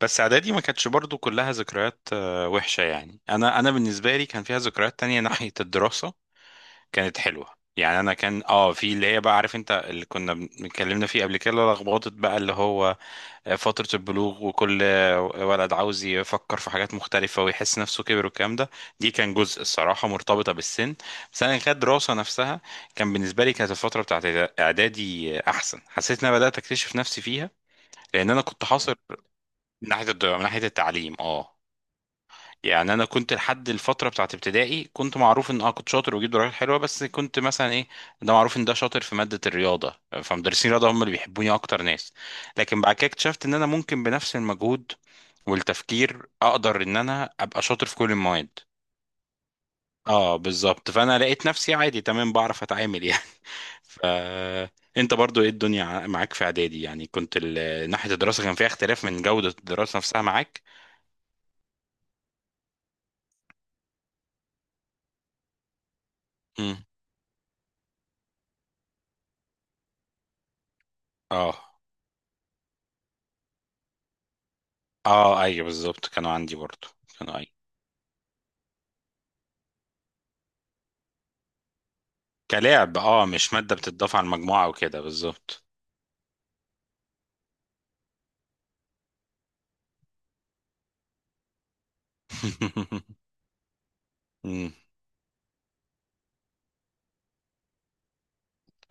بس اعدادي ما كانتش برضو كلها ذكريات وحشه، يعني انا بالنسبه لي كان فيها ذكريات تانية ناحيه الدراسه كانت حلوه. يعني انا كان في اللي هي، بقى عارف انت اللي كنا اتكلمنا فيه قبل كده، لخبطت بقى اللي هو فتره البلوغ، وكل ولد عاوز يفكر في حاجات مختلفه ويحس نفسه كبر والكلام ده. دي كان جزء الصراحه مرتبطه بالسن، بس انا كدراسه نفسها كان بالنسبه لي، كانت الفتره بتاعت اعدادي احسن. حسيت ان انا بدات اكتشف نفسي فيها، لان انا كنت حاصر من ناحيه الضياع من ناحيه التعليم. اه يعني انا كنت لحد الفتره بتاعت ابتدائي كنت معروف ان كنت شاطر وبجيب درجات حلوه، بس كنت مثلا ايه، ده معروف ان ده شاطر في ماده الرياضه، فمدرسين الرياضه هم اللي بيحبوني اكتر ناس. لكن بعد كده اكتشفت ان انا ممكن بنفس المجهود والتفكير اقدر ان انا ابقى شاطر في كل المواد. اه بالظبط، فانا لقيت نفسي عادي تمام بعرف اتعامل يعني. ف انت برضو ايه الدنيا معاك في اعدادي؟ يعني كنت ناحيه الدراسه كان فيها اختلاف من جوده الدراسه نفسها معاك؟ امم. اه. اه ايوه بالظبط، كانوا عندي برضو. كانوا اي، كلاعب، اه مش مادة بتضاف على المجموعة وكده، بالظبط. مم.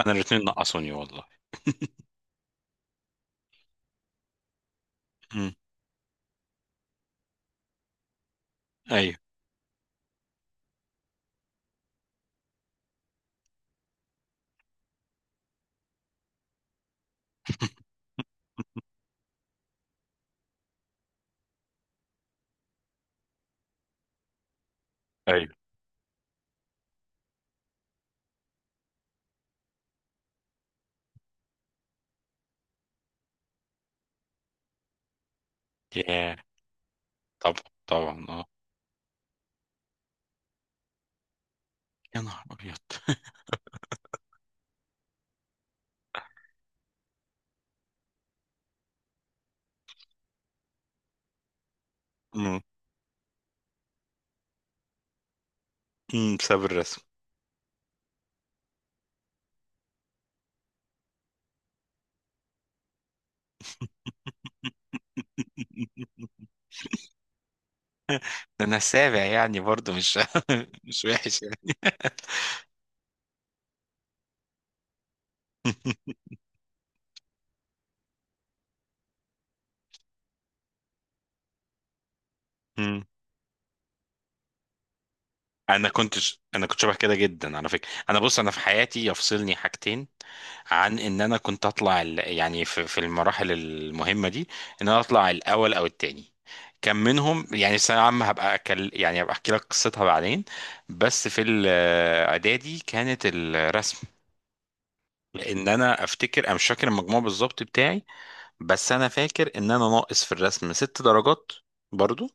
انا الاتنين نقصوني والله. مم. ايوه. ايوه. ياه، طبعا طبعا اه. يا نهار ابيض. مم. مم، بسبب الرسم. ده انا سابع يعني برضو مش مش وحش يعني. مم. انا كنت انا كنت شبه كده جدا على فكره. انا بص، انا في حياتي يفصلني حاجتين عن ان انا كنت اطلع يعني في المراحل المهمه دي، ان انا اطلع الاول او التاني. كان منهم يعني الثانويه العامه، هبقى أكل يعني، هبقى احكي لك قصتها بعدين. بس في الاعدادي كانت الرسم، لان انا افتكر، انا مش فاكر المجموع بالظبط بتاعي، بس انا فاكر ان انا ناقص في الرسم ست درجات برضو،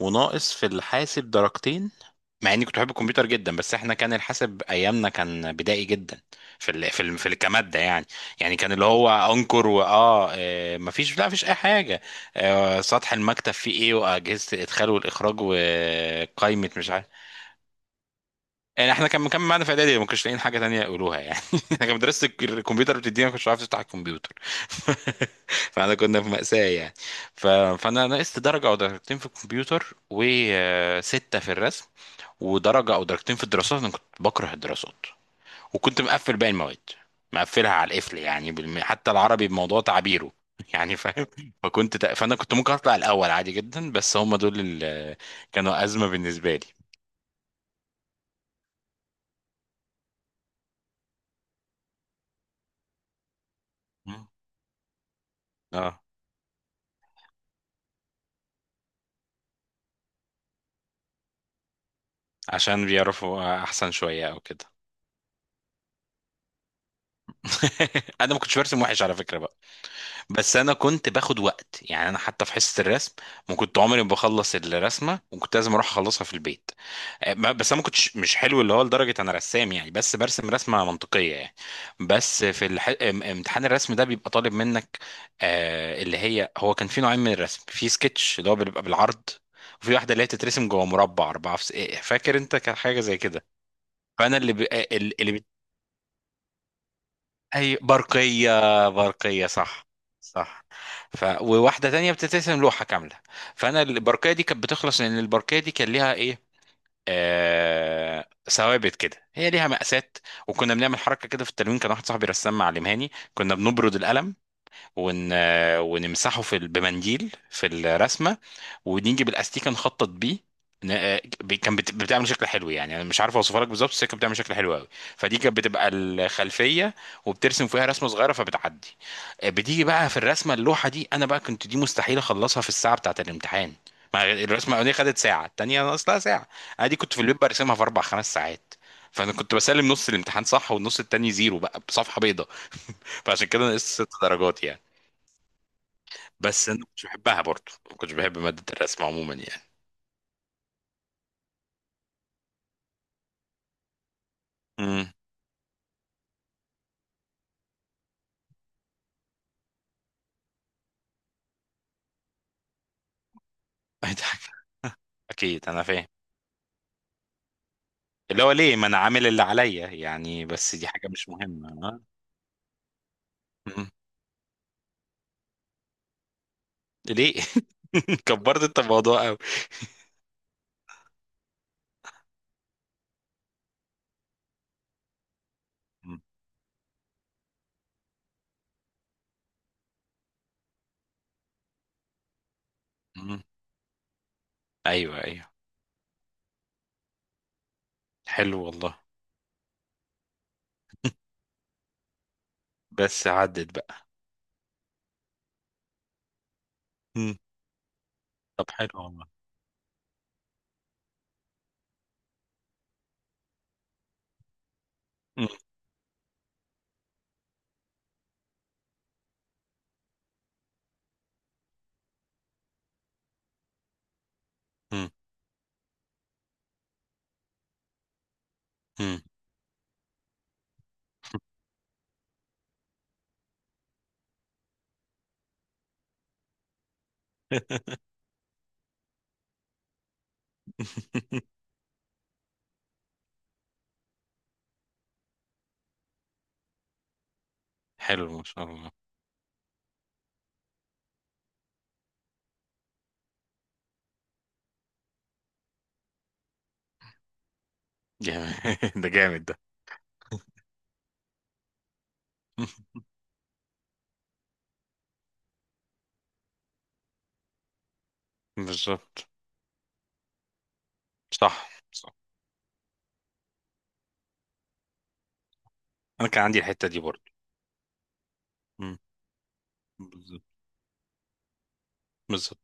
وناقص في الحاسب درجتين. مع اني كنت بحب الكمبيوتر جدا، بس احنا كان الحاسب ايامنا كان بدائي جدا كماده يعني. يعني كان اللي هو انكر، واه آه، مفيش، لا مفيش اي حاجه. سطح المكتب فيه ايه، واجهزه الادخال والاخراج، وقائمه مش عارف. يعني احنا كان مكمل معانا في اعدادي، ما كانش لاقيين حاجه تانية يقولوها يعني. احنا كان مدرسه الكمبيوتر بتدينا، ما كنتش عارف تفتح الكمبيوتر. فاحنا كنا في مأساة يعني. ف... فانا نقصت درجه او درجتين في الكمبيوتر، وسته في الرسم، ودرجه او درجتين في الدراسات. انا كنت بكره الدراسات، وكنت مقفل باقي المواد، مقفلها على القفل يعني حتى العربي بموضوع تعبيره. يعني فاهم. فانا كنت ممكن اطلع الاول عادي جدا، بس هم دول اللي كانوا ازمه بالنسبه لي. مم. اه عشان بيعرفوا احسن شويه او كده. انا ما كنتش برسم وحش على فكره بقى، بس انا كنت باخد وقت. يعني انا حتى في حصه الرسم ما كنت عمري ما بخلص الرسمه، وكنت لازم اروح اخلصها في البيت. بس انا ما كنتش مش حلو اللي هو لدرجه انا رسام يعني، بس برسم رسمه منطقيه يعني. بس في امتحان الرسم ده بيبقى طالب منك اللي هي هو كان في نوعين من الرسم: في سكتش، اللي هو بيبقى بالعرض، وفي واحده اللي هي تترسم جوه مربع اربعه في فاكر انت كان حاجه زي كده. فانا اللي ب... اللي اي برقية؟ برقية، صح. صح. وواحدة تانية بتترسم لوحة كاملة. فأنا البرقية دي كانت بتخلص، لأن البرقية دي كان ليها إيه، ثوابت كده، هي ليها مقاسات. وكنا بنعمل حركة كده في التلوين، كان واحد صاحبي رسام معلمهاني، كنا بنبرد القلم ون... ونمسحه بمنديل في الرسمه، ونيجي بالاستيكه نخطط بيه. ن- كان بتعمل شكل حلو يعني، انا مش عارف اوصفها لك بالظبط، بس هي كانت بتعمل شكل حلو قوي. فدي كانت بتبقى الخلفيه، وبترسم فيها رسمه صغيره، فبتعدي. بتيجي بقى في الرسمه اللوحه دي، انا بقى كنت دي مستحيل اخلصها في الساعه بتاعه الامتحان. ما الرسمه الاولانيه خدت ساعه، التانيه ناقصها ساعه. انا دي كنت في البيت برسمها في اربع خمس ساعات، فانا كنت بسلم نص الامتحان صح، والنص التاني زيرو بقى بصفحه بيضاء. فعشان كده نقصت ست درجات يعني. بس انا كنتش بحبها برضه، ما كنتش بحب ماده الرسم عموما يعني. امم. أكيد. اكيد انا فاهم، اللي هو ليه ما انا عامل اللي عليا يعني، بس دي حاجه مش مهمه ها. مم. ليه؟ كبرت انت الموضوع قوي. مم. مم. ايوه ايوه. حلو والله. بس عدت بقى. مم. طب حلو والله. مم. مم. مم. حلو ما شاء الله. جامد. ده جامد ده. بالظبط. صح صح. انا كان عندي الحته دي برضه. مم. بالظبط. بالظبط.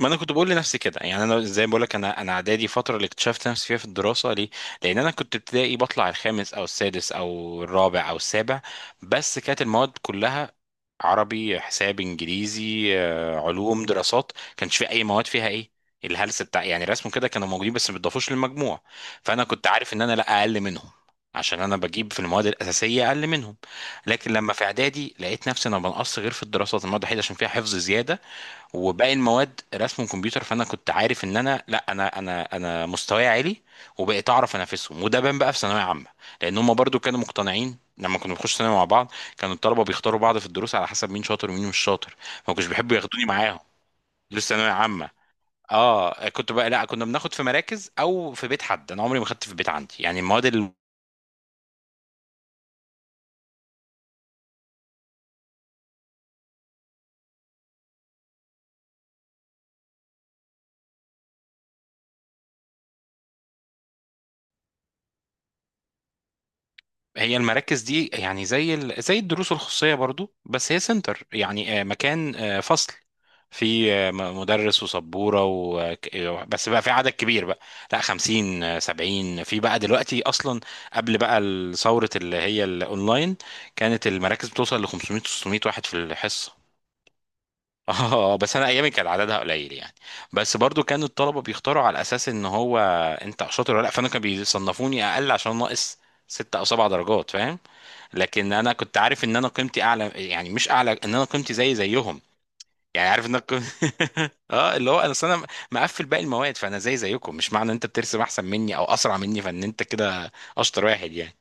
ما انا كنت بقول لنفسي كده، يعني انا زي ما بقول لك، انا اعدادي فتره اللي اكتشفت نفسي فيها في الدراسه، ليه؟ لان انا كنت ابتدائي بطلع الخامس او السادس او الرابع او السابع، بس كانت المواد كلها عربي حساب انجليزي علوم دراسات، كانش في اي مواد فيها ايه الهلس بتاع يعني. رسم كده كانوا موجودين، بس ما بيضافوش للمجموع. فانا كنت عارف ان انا لا اقل منهم، عشان انا بجيب في المواد الاساسيه اقل منهم. لكن لما في اعدادي لقيت نفسي انا بنقص غير في الدراسات، المواد الوحيده عشان فيها حفظ زياده، وباقي المواد رسم كمبيوتر، فانا كنت عارف ان انا لا، انا مستواي عالي. وبقيت اعرف انافسهم، وده بان بقى في ثانويه عامه، لان هم برضو كانوا مقتنعين. لما كنا بنخش ثانوي مع بعض، كانوا الطلبه بيختاروا بعض في الدروس على حسب مين شاطر ومين مش شاطر، فما كانوش بيحبوا ياخدوني معاهم دروس ثانويه عامه. اه كنت بقى لا، كنا بناخد في مراكز او في بيت حد، انا عمري ما خدت في بيت عندي يعني المواد. هي المراكز دي يعني زي الدروس الخصوصية برضو، بس هي سنتر يعني، مكان، فصل، في مدرس وسبورة و... ك- آه، بس بقى في عدد كبير بقى. لا 50 70 في بقى دلوقتي أصلا. قبل بقى ثورة اللي هي الأونلاين، كانت المراكز بتوصل ل 500 600 واحد في الحصة. اه بس انا ايامي كان عددها قليل يعني. بس برضو كان الطلبه بيختاروا على اساس ان هو انت شاطر ولا لا، فانا كانوا بيصنفوني اقل عشان ناقص ست او سبع درجات، فاهم. لكن انا كنت عارف ان انا قيمتي اعلى، يعني مش اعلى، ان انا قيمتي زي زيهم، يعني عارف ان انا اه اللي هو انا أصل انا مقفل باقي المواد، فانا زي زيكم، مش معنى ان انت بترسم احسن مني او اسرع مني فان انت كده اشطر واحد يعني.